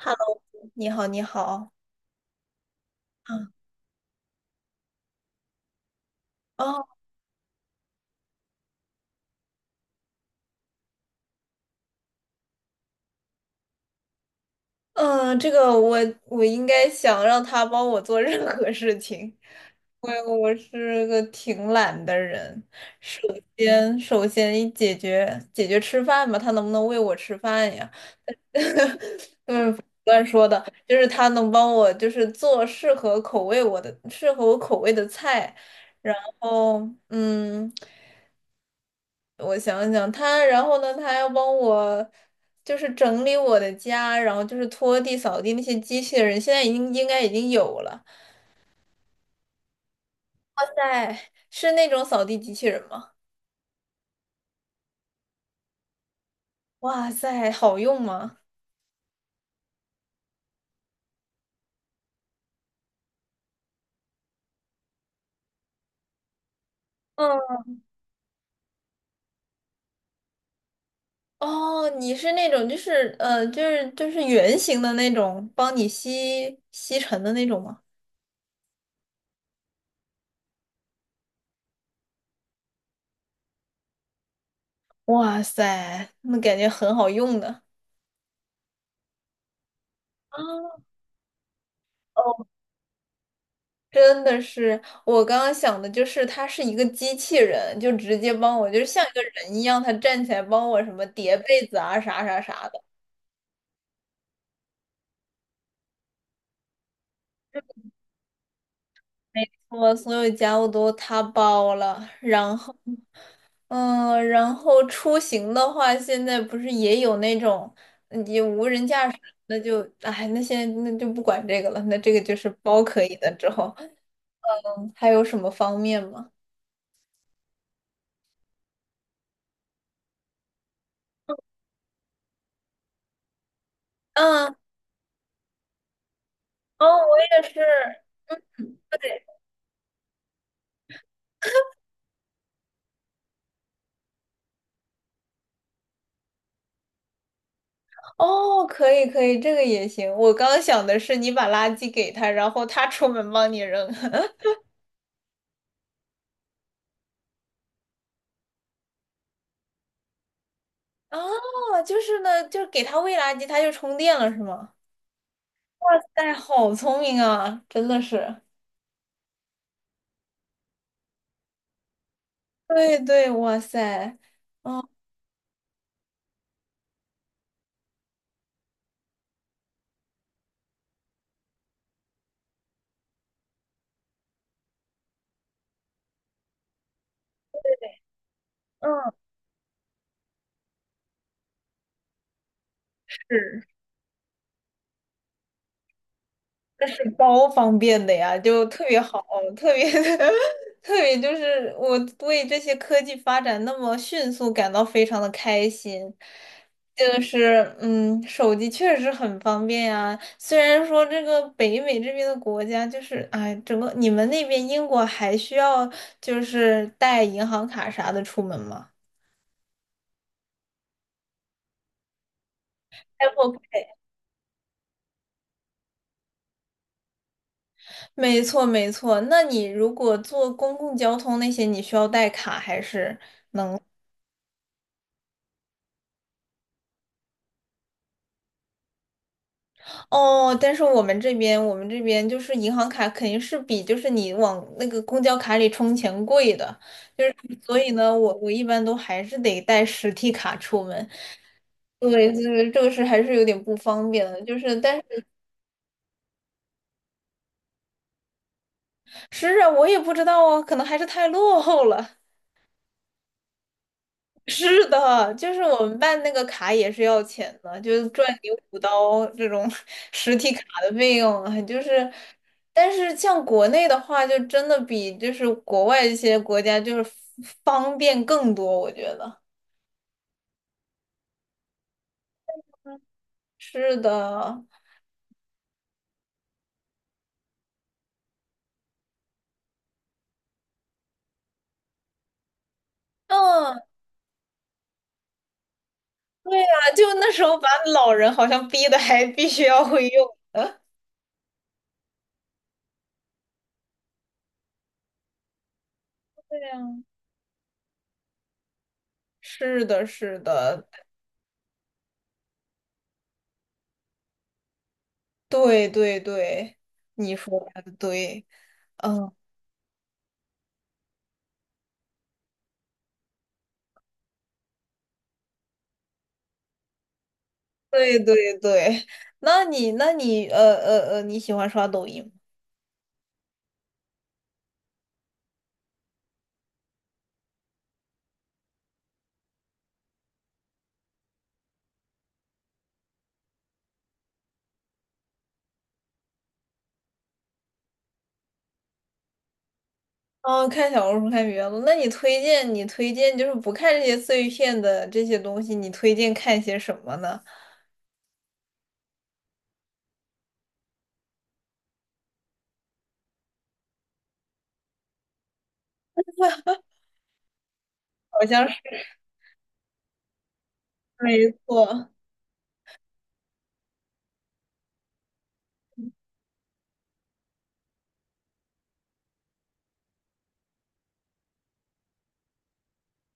Hello，你好，你好。嗯，哦，这个我应该想让他帮我做任何事情，因为我是个挺懒的人。首首先解决吃饭吧，他能不能喂我吃饭呀？乱说的，就是他能帮我，就是做适合口味我的、适合我口味的菜，然后我想想，他，然后呢，他还要帮我，就是整理我的家，然后就是拖地、扫地那些机器人，现在应该已经有了。在，是那种扫地机器人吗？哇塞，好用吗？嗯，哦，你是那种就是圆形的那种，帮你吸尘的那种吗？哇塞，那感觉很好用的。啊，真的是，我刚刚想的就是，它是一个机器人，就直接帮我，就是像一个人一样，他站起来帮我什么叠被子啊，啥啥啥的。没错，所有家务都他包了。然后，嗯，然后出行的话，现在不是也有那种也无人驾驶，那就，哎，那现在那就不管这个了，那这个就是包可以的。之后嗯还有什么方面吗？嗯，哦，我也是。对。哦，可以可以，这个也行。我刚刚想的是你把垃圾给他，然后他出门帮你扔。哦，就是呢，就是给他喂垃圾，他就充电了，是吗？哇塞，好聪明啊，真的是。对对，哇塞，嗯嗯，是。超方便的呀，就特别好，特别 特别就是我为这些科技发展那么迅速感到非常的开心。就是嗯，手机确实很方便呀。虽然说这个北美这边的国家就是哎，整个你们那边英国还需要就是带银行卡啥的出门吗？Apple Pay 没错没错，那你如果坐公共交通那些，你需要带卡还是？哦，但是我们这边，我们这边就是银行卡肯定是比就是你往那个公交卡里充钱贵的，就是所以呢，我一般都还是得带实体卡出门。对，这个是还是有点不方便的，就是但是是啊，我也不知道啊，可能还是太落后了。是的，就是我们办那个卡也是要钱的，就是赚你五刀这种 实体卡的费用啊就是，但是像国内的话，就真的比就是国外一些国家就是方便更多，我觉得。是的，嗯，对呀，就那时候把老人好像逼的还必须要会用的。对呀，是的，是的，对对对，你说的对，嗯。对对对，那你你喜欢刷抖音吗？哦，看小红书看比较多。那你推荐就是不看这些碎片的这些东西，你推荐看些什么呢？好像是没错，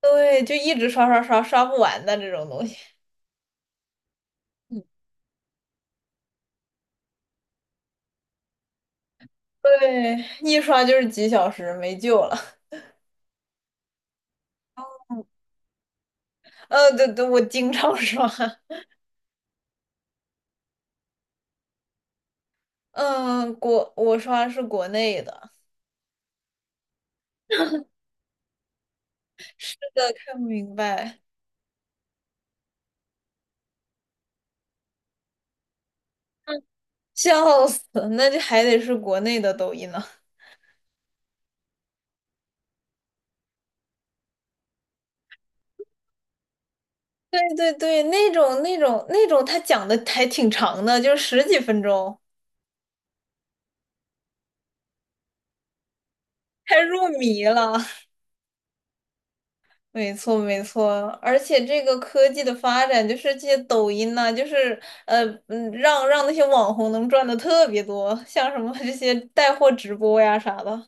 对，就一直刷刷刷刷不完的这种东西。嗯，对，一刷就是几小时，没救了。对对，我经常刷。嗯，我刷是国内的，呃看不明白，笑死，那就还得是国内的抖音呢。对对对，那种，他讲的还挺长的，就十几分钟，太入迷了。没错没错，而且这个科技的发展，就是这些抖音呐、就是让那些网红能赚的特别多，像什么这些带货直播呀啥的。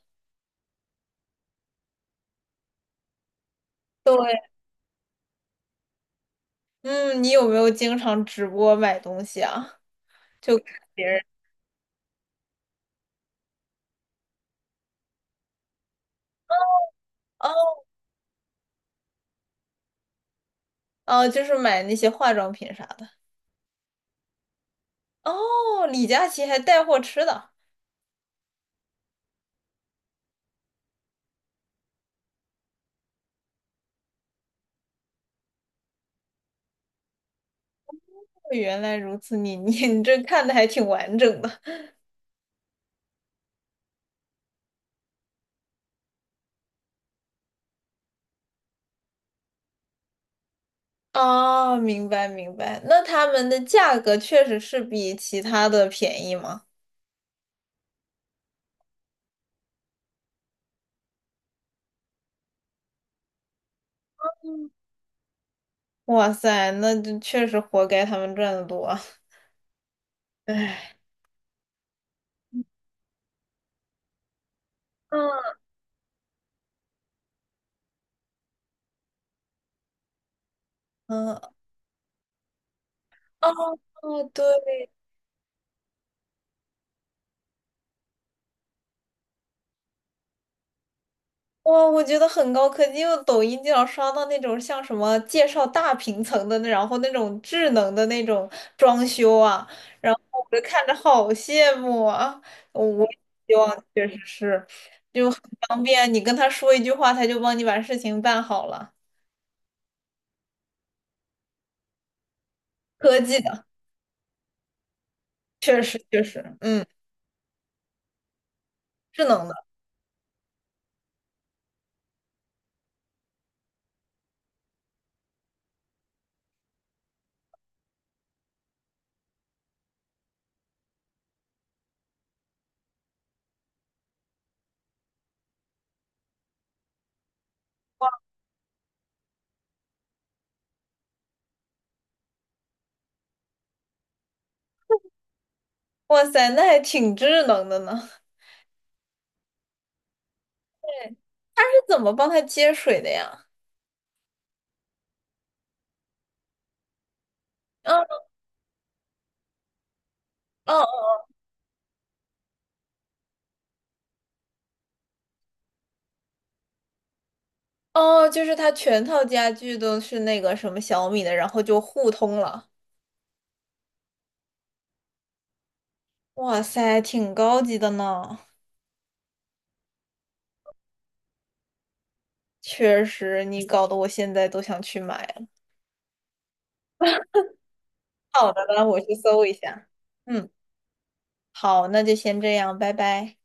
对，嗯，你有没有经常直播买东西啊？就看别人哦哦，就是买那些化妆品啥的。哦，李佳琦还带货吃的。原来如此，你这看的还挺完整的哦，明白明白。那他们的价格确实是比其他的便宜吗？嗯哇塞，那就确实活该他们赚的多啊唉，嗯，嗯，哦哦，对哇，我觉得很高科技，因为抖音经常刷到那种像什么介绍大平层的那，然后那种智能的那种装修啊，然后我就看着好羡慕啊！我也希望确实是，就很方便，你跟他说一句话，他就帮你把事情办好了。科技的，确实确实，嗯，智能的，哇塞，那还挺智能的呢。是怎么帮他接水的呀？嗯嗯。哦哦，就是它全套家具都是那个什么小米的，然后就互通了。哇塞，挺高级的呢。确实，你搞得我现在都想去买了。好的那我去搜一下。嗯，好，那就先这样，拜拜。